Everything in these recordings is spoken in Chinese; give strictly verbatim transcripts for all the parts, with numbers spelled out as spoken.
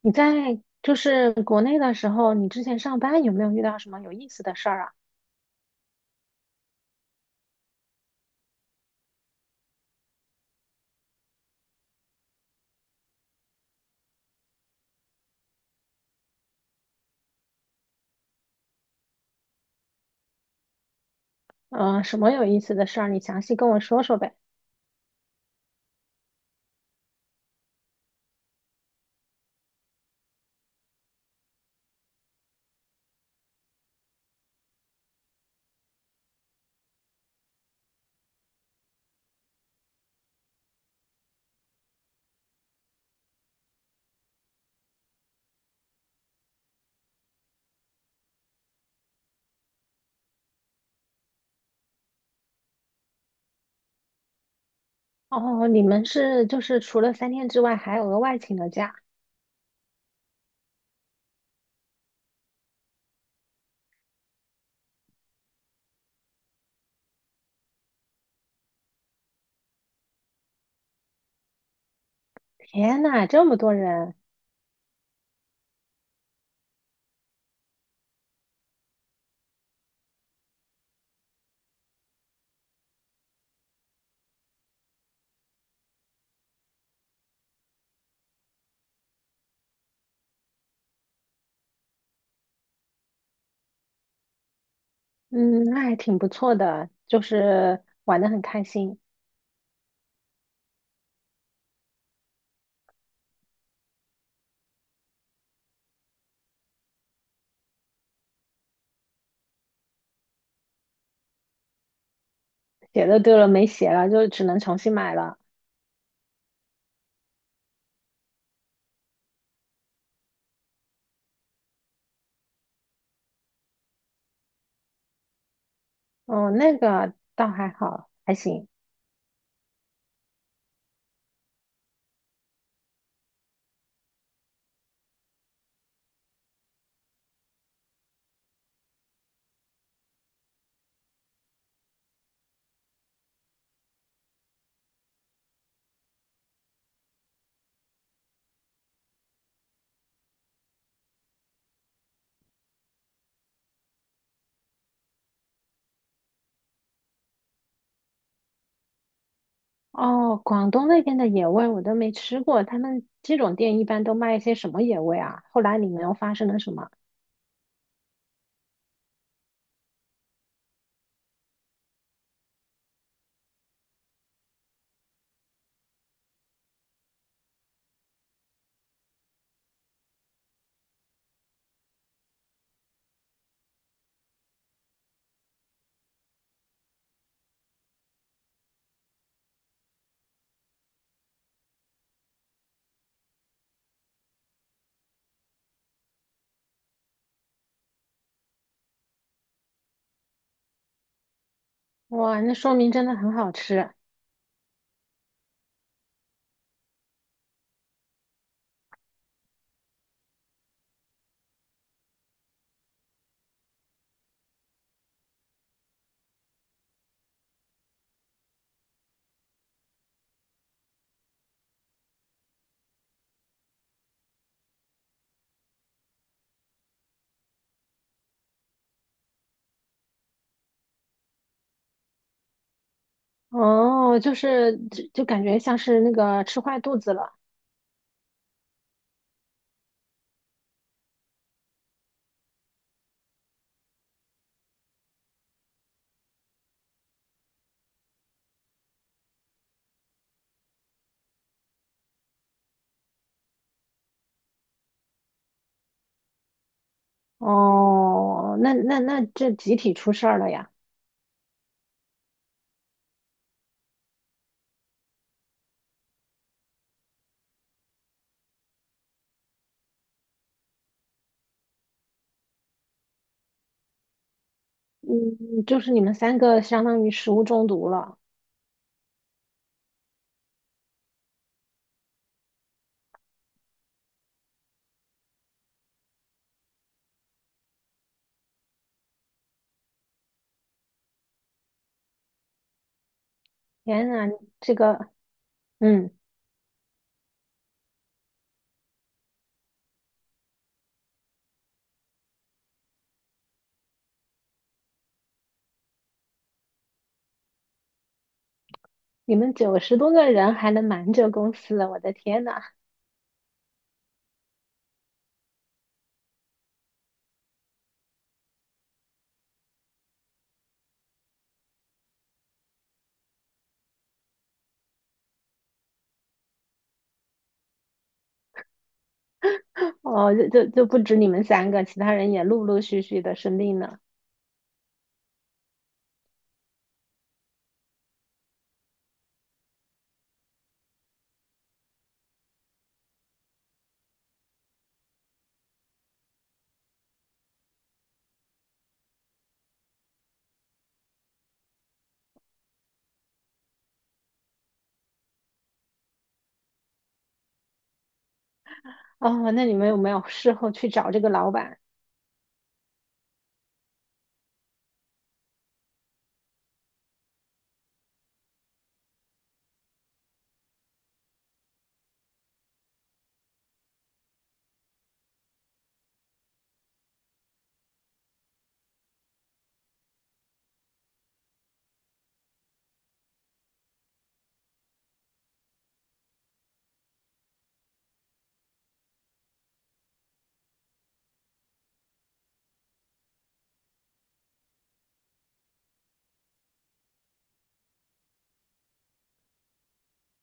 你在就是国内的时候，你之前上班有没有遇到什么有意思的事儿啊？嗯，什么有意思的事儿？你详细跟我说说呗。哦，你们是就是除了三天之外还额外请了假？天呐，这么多人，嗯，那还挺不错的，就是玩的很开心。鞋的丢了没鞋了，就只能重新买了。哦，那个倒还好，还行。哦，广东那边的野味我都没吃过，他们这种店一般都卖一些什么野味啊？后来你们又发生了什么？哇，那说明真的很好吃。哦，就是就就感觉像是那个吃坏肚子了。哦，那那那这集体出事儿了呀，嗯，就是你们三个相当于食物中毒了，天呐，这个嗯，你们九十多个人还能瞒着公司，我的天呐，哦，就就就不止你们三个，其他人也陆陆续续的生病了。哦，那你们有没有事后去找这个老板，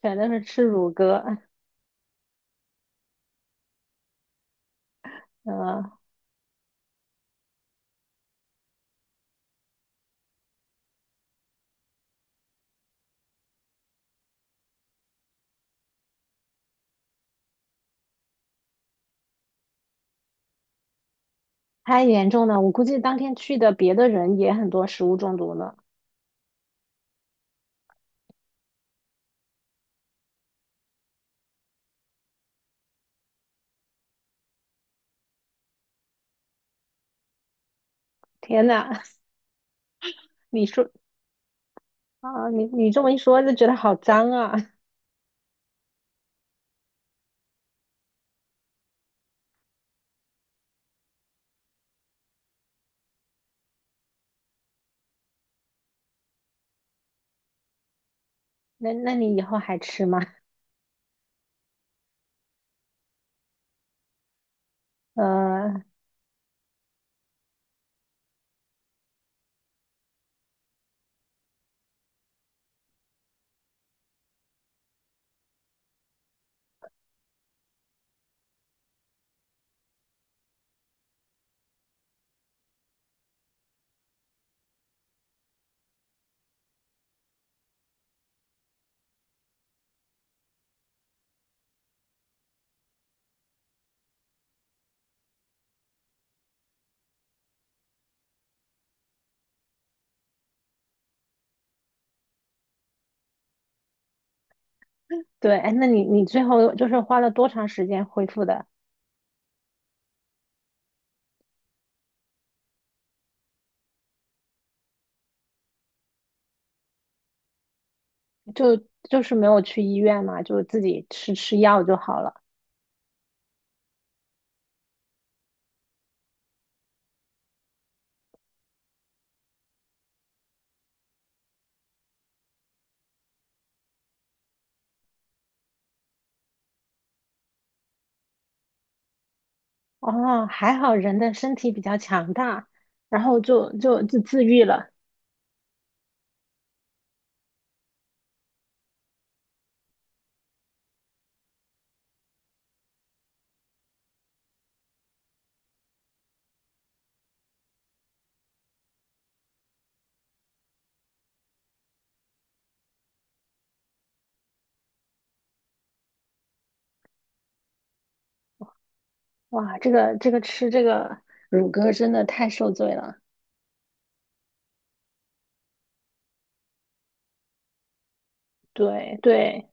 反正是吃乳鸽，嗯、太严重了，我估计当天去的别的人也很多食物中毒了。天呐，你说啊，你你这么一说，就觉得好脏啊。那那你以后还吃吗？呃，对，哎，那你你最后就是花了多长时间恢复的？就就是没有去医院嘛，就自己吃吃药就好了。哦，还好人的身体比较强大，然后就就就自愈了。哇，这个这个吃这个乳鸽真的太受罪了。对对。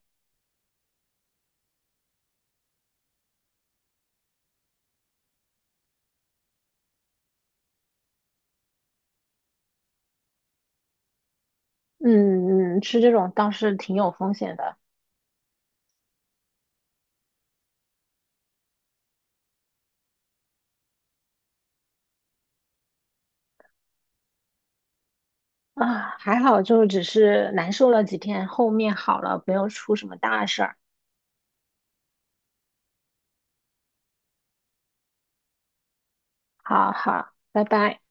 嗯嗯，吃这种倒是挺有风险的。啊，还好就只是难受了几天，后面好了，没有出什么大事儿。好好，拜拜。